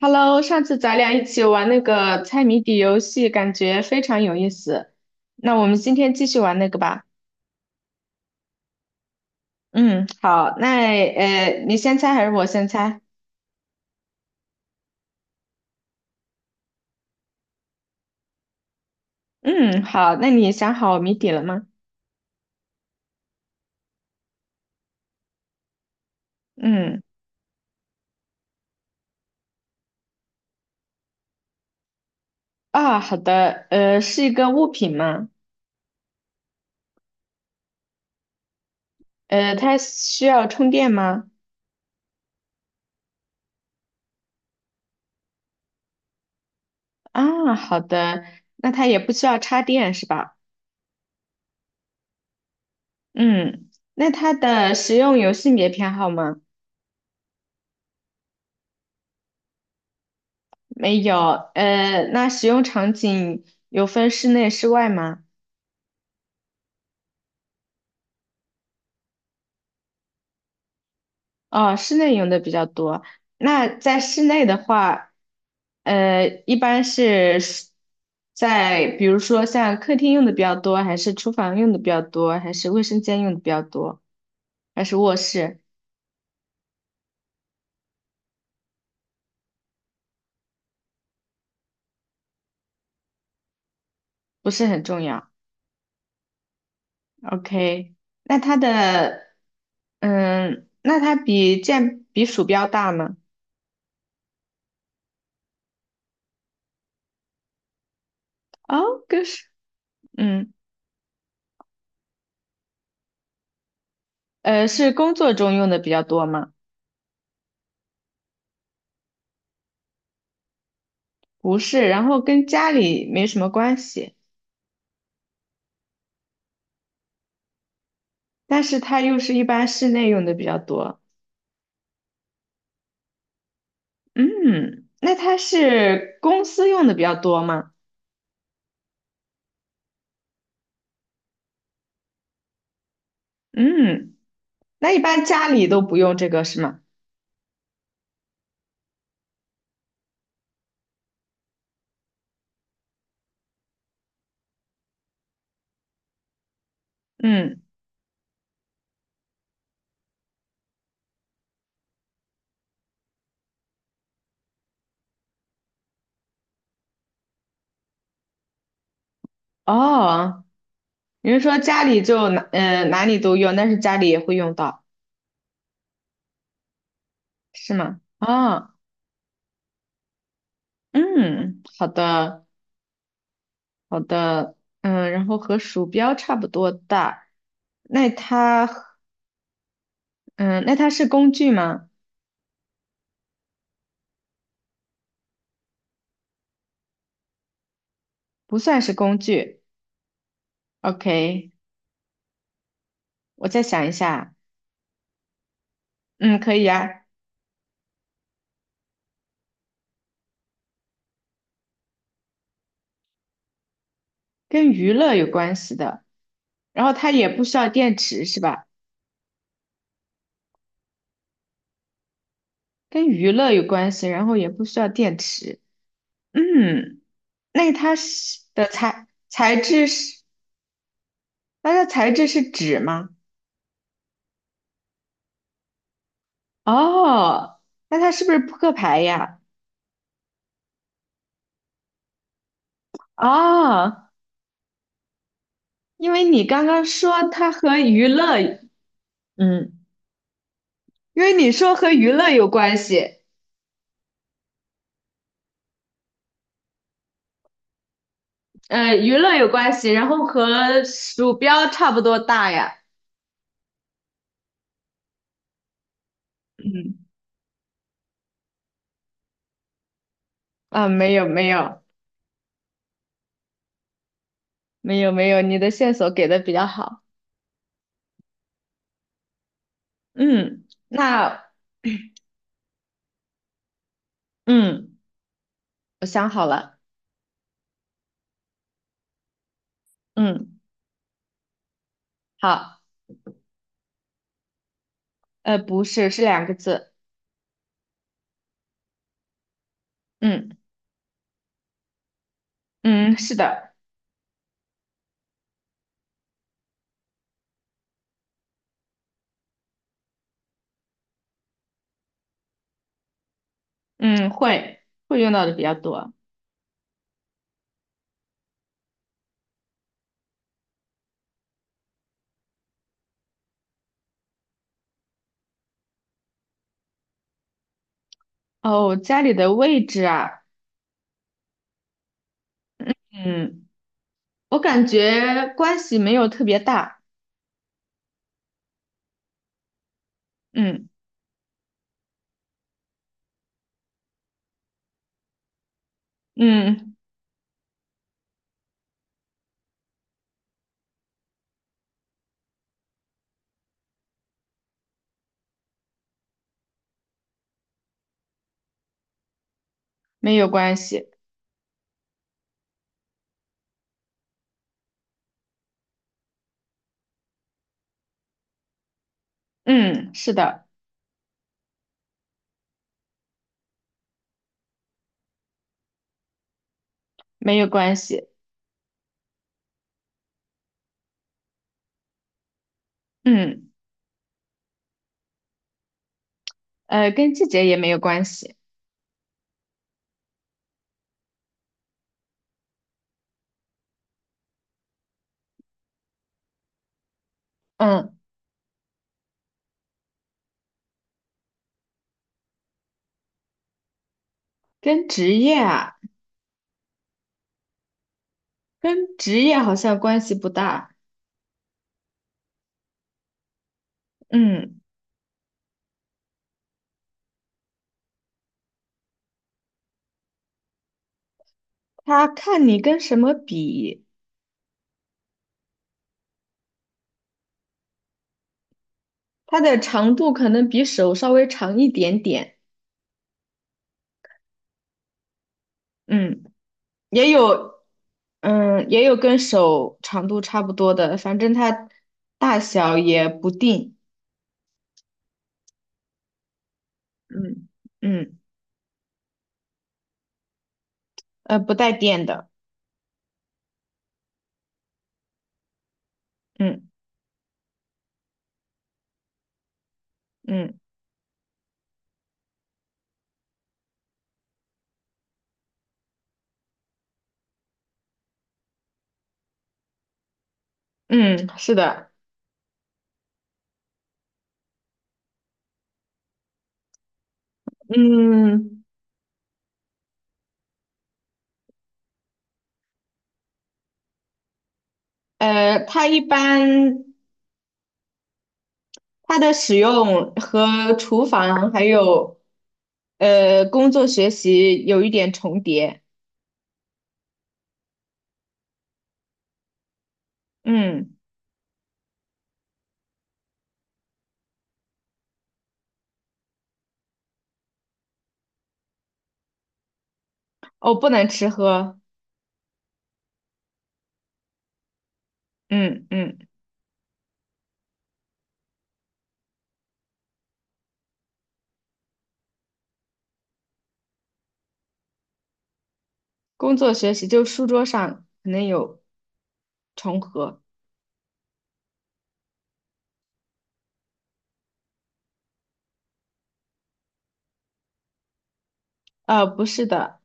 Hello，上次咱俩一起玩那个猜谜底游戏，感觉非常有意思。那我们今天继续玩那个吧。嗯，好，那你先猜还是我先猜？嗯，好，那你想好谜底了吗？嗯，啊，好的，是一个物品吗？它需要充电吗？啊，好的，那它也不需要插电是吧？嗯，那它的使用有性别偏好吗？没有，那使用场景有分室内、室外吗？哦，室内用的比较多。那在室内的话，一般是在比如说像客厅用的比较多，还是厨房用的比较多，还是卫生间用的比较多，还是卧室？不是很重要。OK，那它的，那它比鼠标大吗？哦，跟是，嗯，是工作中用的比较多吗？不是，然后跟家里没什么关系，但是它又是一般室内用的比较多。嗯，那它是公司用的比较多吗？嗯，那一般家里都不用这个是吗？嗯，哦，你是说家里就哪里都用，但是家里也会用到是吗？哦，嗯，好的好的，嗯，然后和鼠标差不多大，那它和嗯那它是工具吗？不算是工具。OK，我再想一下，嗯，可以啊，跟娱乐有关系的，然后它也不需要电池是吧？跟娱乐有关系，然后也不需要电池。嗯，那它是的材质是，那它材质是纸吗？哦，那它是不是扑克牌呀？哦，因为你刚刚说它和娱乐，嗯，因为你说和娱乐有关系，娱乐有关系，然后和鼠标差不多大呀。嗯啊，没有没有没有没有，你的线索给的比较好。嗯，那嗯，我想好了。嗯，好，不是，是两个字。嗯嗯，是的，嗯，会用到的比较多。哦，家里的位置啊，嗯，我感觉关系没有特别大。嗯嗯，没有关系。嗯，是的，没有关系。嗯，跟季节也没有关系。嗯，跟职业啊。跟职业好像关系不大。嗯，它看你跟什么比，它的长度可能比手稍微长一点点。嗯，也有，也有跟手长度差不多的，反正它大小也不定。嗯嗯，不带电的。嗯嗯嗯，是的。嗯，它一般它的使用和厨房还有工作学习有一点重叠。嗯，哦，不能吃喝。嗯嗯，工作学习就书桌上可能有重合。不是的，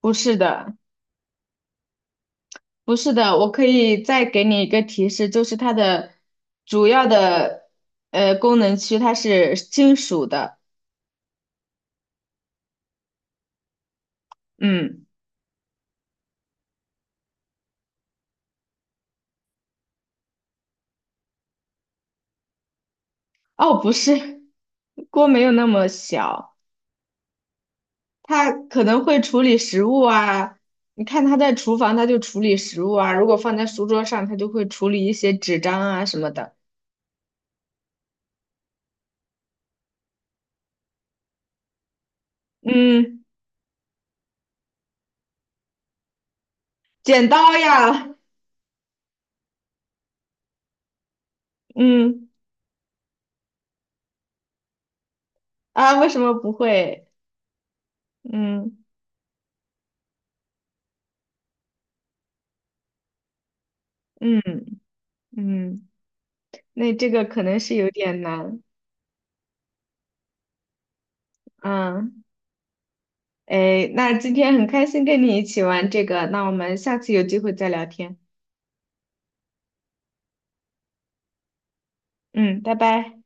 不是的，不是的。我可以再给你一个提示，就是它的主要的功能区它是金属的。嗯，哦，不是，锅没有那么小。他可能会处理食物啊，你看他在厨房，他就处理食物啊；如果放在书桌上，他就会处理一些纸张啊什么的。嗯，剪刀呀，嗯啊，为什么不会？嗯嗯嗯，那这个可能是有点难。嗯，哎，那今天很开心跟你一起玩这个，那我们下次有机会再聊天。嗯，拜拜。